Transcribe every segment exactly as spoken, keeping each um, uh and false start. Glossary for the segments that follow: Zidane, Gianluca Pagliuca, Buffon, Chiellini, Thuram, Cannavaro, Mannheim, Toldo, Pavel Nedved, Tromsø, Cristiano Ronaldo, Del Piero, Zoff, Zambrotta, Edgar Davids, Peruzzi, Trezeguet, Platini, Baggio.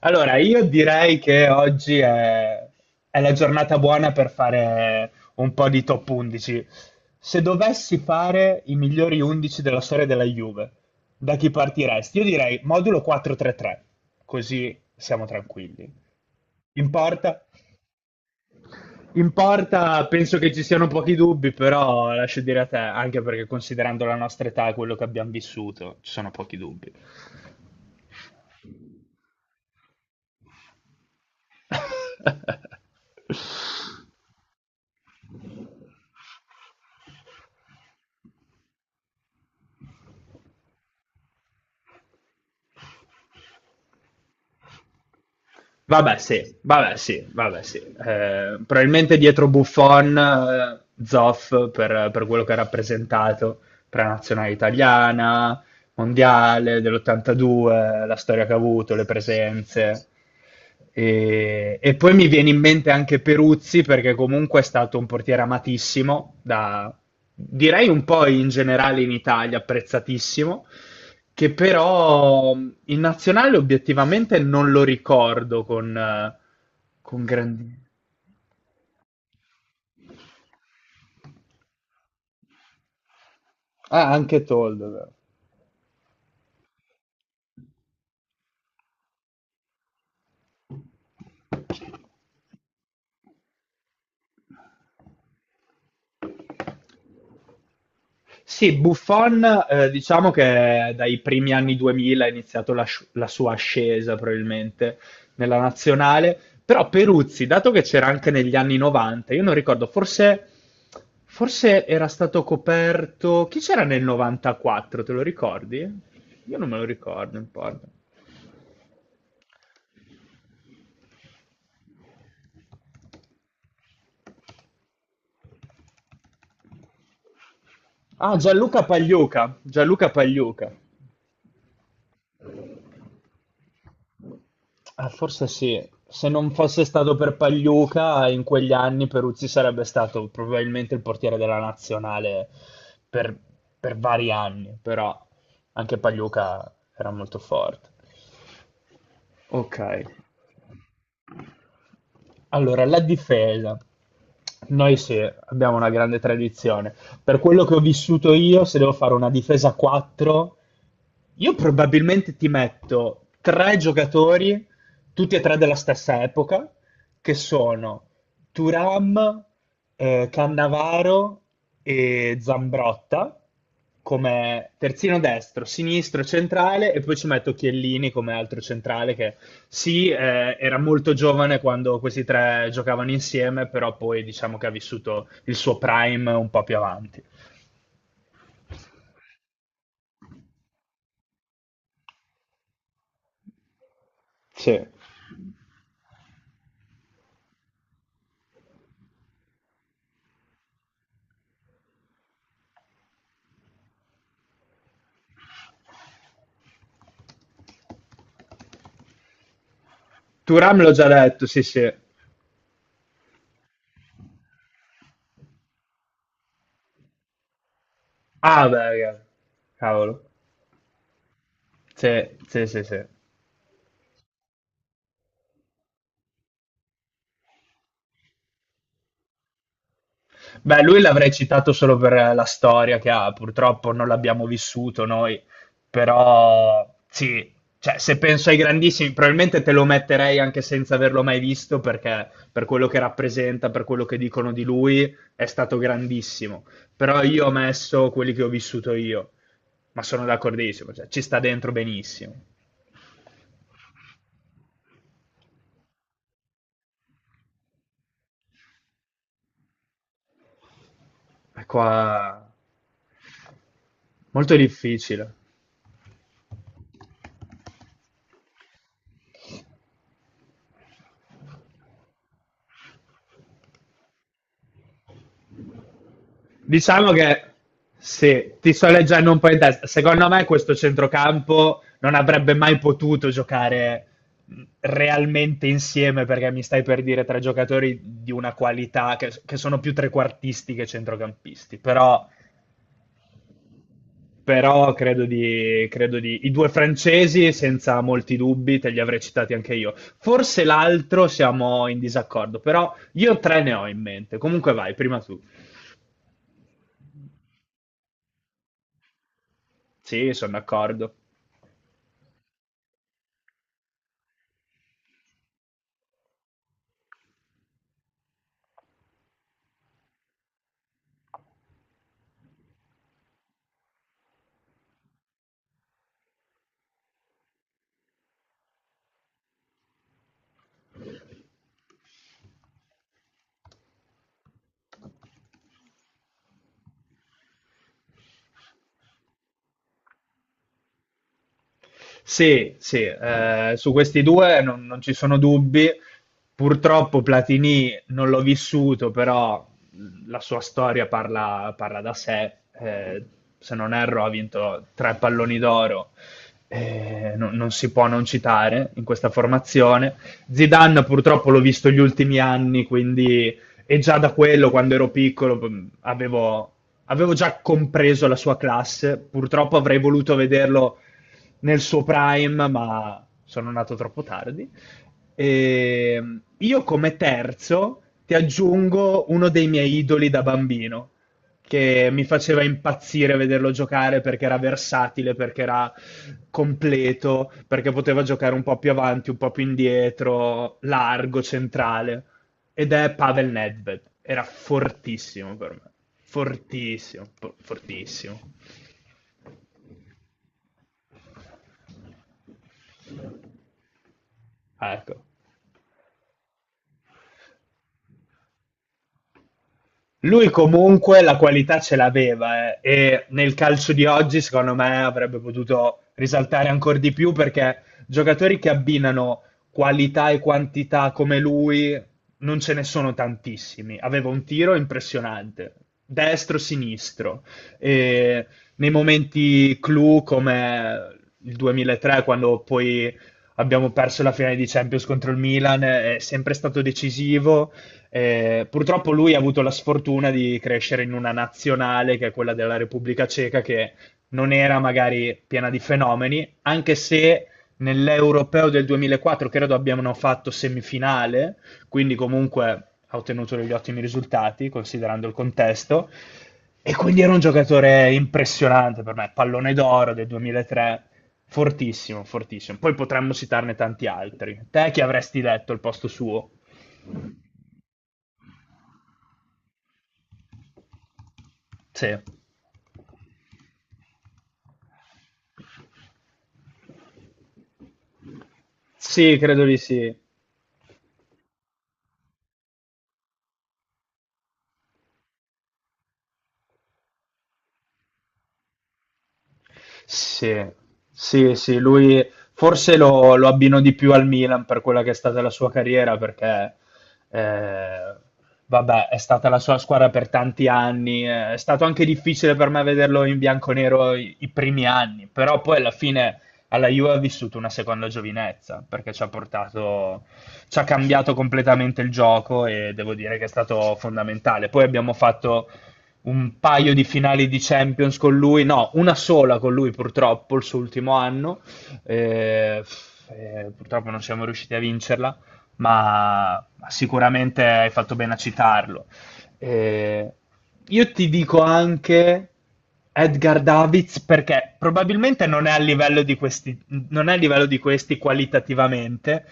Allora, io direi che oggi è, è la giornata buona per fare un po' di top undici. Se dovessi fare i migliori undici della storia della Juve, da chi partiresti? Io direi modulo quattro tre-tre, così siamo tranquilli. In porta? In porta penso che ci siano pochi dubbi, però lascio dire a te, anche perché considerando la nostra età e quello che abbiamo vissuto, ci sono pochi dubbi. Vabbè sì, vabbè sì, vabbè sì. Eh, probabilmente dietro Buffon, eh, Zoff per, per quello che ha rappresentato per la nazionale italiana, mondiale dell'ottantadue, la storia che ha avuto, le presenze. E, e poi mi viene in mente anche Peruzzi perché comunque è stato un portiere amatissimo da, direi un po' in generale in Italia, apprezzatissimo, che però in nazionale obiettivamente non lo ricordo con, eh, con grandi... Ah, anche Toldo, vero. Sì, Buffon, eh, diciamo che dai primi anni duemila ha iniziato la, sci- la sua ascesa probabilmente nella nazionale, però Peruzzi, dato che c'era anche negli anni novanta, io non ricordo, forse, forse era stato coperto... Chi c'era nel novantaquattro, te lo ricordi? Io non me lo ricordo, non importa. Ah, Gianluca Pagliuca, Gianluca Pagliuca. Eh, forse sì. Se non fosse stato per Pagliuca, in quegli anni Peruzzi sarebbe stato probabilmente il portiere della nazionale per, per vari anni, però anche Pagliuca era molto forte. Ok. Allora, la difesa. Noi sì, abbiamo una grande tradizione. Per quello che ho vissuto io, se devo fare una difesa a quattro, io probabilmente ti metto tre giocatori, tutti e tre della stessa epoca, che sono Thuram, eh, Cannavaro e Zambrotta come terzino destro, sinistro, centrale e poi ci metto Chiellini come altro centrale che sì, eh, era molto giovane quando questi tre giocavano insieme, però poi diciamo che ha vissuto il suo prime un po' più avanti. Sì. Turam l'ho già detto, sì sì. Ah beh, raga. cavolo. Sì, sì, sì, sì. Beh, lui l'avrei citato solo per la storia che ha, purtroppo non l'abbiamo vissuto noi, però sì, cioè, se penso ai grandissimi, probabilmente te lo metterei anche senza averlo mai visto, perché per quello che rappresenta, per quello che dicono di lui, è stato grandissimo. Però io ho messo quelli che ho vissuto io, ma sono d'accordissimo, cioè, ci sta dentro benissimo. È qua molto difficile. Diciamo che sì, ti sto leggendo un po' in testa. Secondo me questo centrocampo non avrebbe mai potuto giocare mh, realmente insieme perché mi stai per dire tre giocatori di una qualità che, che sono più trequartisti che centrocampisti. Però, però credo di, credo di... I due francesi, senza molti dubbi, te li avrei citati anche io. Forse l'altro siamo in disaccordo, però io tre ne ho in mente. Comunque vai, prima tu. Sì, sono d'accordo. Sì, sì, eh, su questi due non, non ci sono dubbi. Purtroppo Platini non l'ho vissuto, però la sua storia parla, parla da sé. Eh, Se non erro, ha vinto tre palloni d'oro. Eh, non, non si può non citare in questa formazione. Zidane purtroppo l'ho visto gli ultimi anni, quindi e già da quello, quando ero piccolo, p- avevo, avevo già compreso la sua classe. Purtroppo avrei voluto vederlo nel suo prime, ma sono nato troppo tardi. E io come terzo ti aggiungo uno dei miei idoli da bambino, che mi faceva impazzire vederlo giocare perché era versatile, perché era completo, perché poteva giocare un po' più avanti, un po' più indietro, largo, centrale. Ed è Pavel Nedved. Era fortissimo per me. Fortissimo, po- fortissimo. Ah, ecco. Lui comunque la qualità ce l'aveva, eh, e nel calcio di oggi secondo me avrebbe potuto risaltare ancora di più perché giocatori che abbinano qualità e quantità come lui non ce ne sono tantissimi. Aveva un tiro impressionante, destro-sinistro e nei momenti clou come il duemilatré quando poi abbiamo perso la finale di Champions contro il Milan è sempre stato decisivo. Eh, purtroppo lui ha avuto la sfortuna di crescere in una nazionale che è quella della Repubblica Ceca, che non era magari piena di fenomeni, anche se nell'Europeo del duemilaquattro credo abbiano fatto semifinale, quindi comunque ha ottenuto degli ottimi risultati considerando il contesto. E quindi era un giocatore impressionante per me, pallone d'oro del duemilatré, fortissimo, fortissimo. Poi potremmo citarne tanti altri. Te chi avresti detto al posto suo? Sì. Sì, credo di sì. Sì, sì, sì, lui forse lo, lo abbino di più al Milan per quella che è stata la sua carriera, perché eh, vabbè, è stata la sua squadra per tanti anni, eh, è stato anche difficile per me vederlo in bianconero i, i primi anni, però poi alla fine alla Juve ha vissuto una seconda giovinezza, perché ci ha portato, ci ha cambiato completamente il gioco e devo dire che è stato fondamentale. Poi abbiamo fatto un paio di finali di Champions con lui, no, una sola con lui purtroppo, il suo ultimo anno, eh, eh, purtroppo non siamo riusciti a vincerla, ma, ma sicuramente hai fatto bene a citarlo. Eh, io ti dico anche Edgar Davids perché probabilmente non è a livello di questi, non è a livello di questi qualitativamente,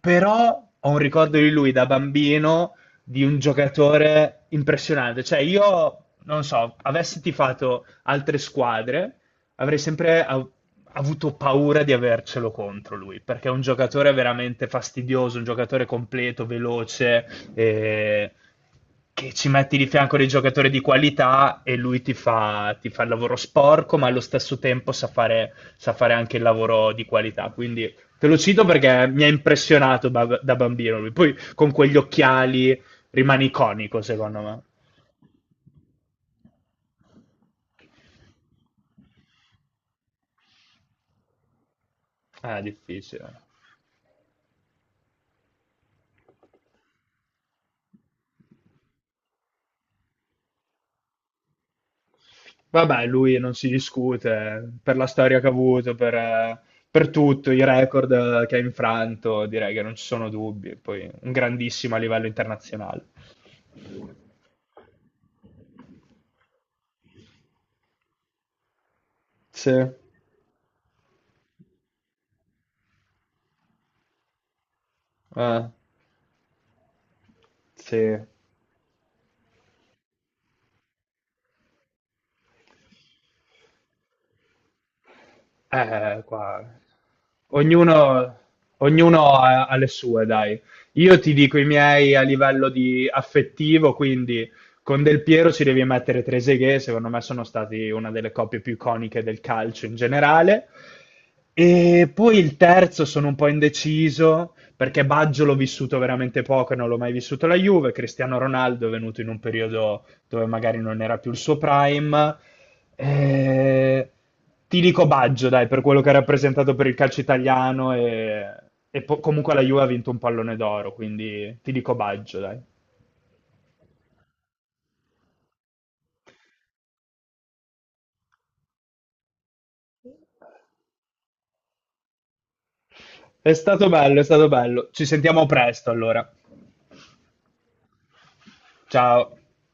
però ho un ricordo di lui da bambino di un giocatore impressionante. Cioè, io non so, avessi tifato altre squadre, avrei sempre av- avuto paura di avercelo contro lui, perché è un giocatore veramente fastidioso, un giocatore completo, veloce, eh, che ci metti di fianco dei giocatori di qualità e lui ti fa, ti fa il lavoro sporco, ma allo stesso tempo sa fare, sa fare anche il lavoro di qualità. Quindi te lo cito perché mi ha impressionato ba- da bambino lui. Poi con quegli occhiali Rimane iconico, secondo me. È difficile. Vabbè, lui non si discute per la storia che ha avuto, per, eh, per tutto, i record, eh, che ha infranto, direi che non ci sono dubbi. Poi un grandissimo a livello internazionale. Sì, eh, sì. Eh, qua. Ognuno, ognuno ha, ha le sue, dai. Io ti dico i miei a livello di affettivo, quindi con Del Piero ci devi mettere Trezeguet, secondo me sono stati una delle coppie più iconiche del calcio in generale. E poi il terzo sono un po' indeciso, perché Baggio l'ho vissuto veramente poco e non l'ho mai vissuto la Juve, Cristiano Ronaldo è venuto in un periodo dove magari non era più il suo prime. Eh, Ti dico Baggio, dai, per quello che ha rappresentato per il calcio italiano e, e po- comunque la Juve ha vinto un pallone d'oro, quindi ti dico Baggio, dai. È stato bello, è stato bello. Ci sentiamo presto allora. Ciao.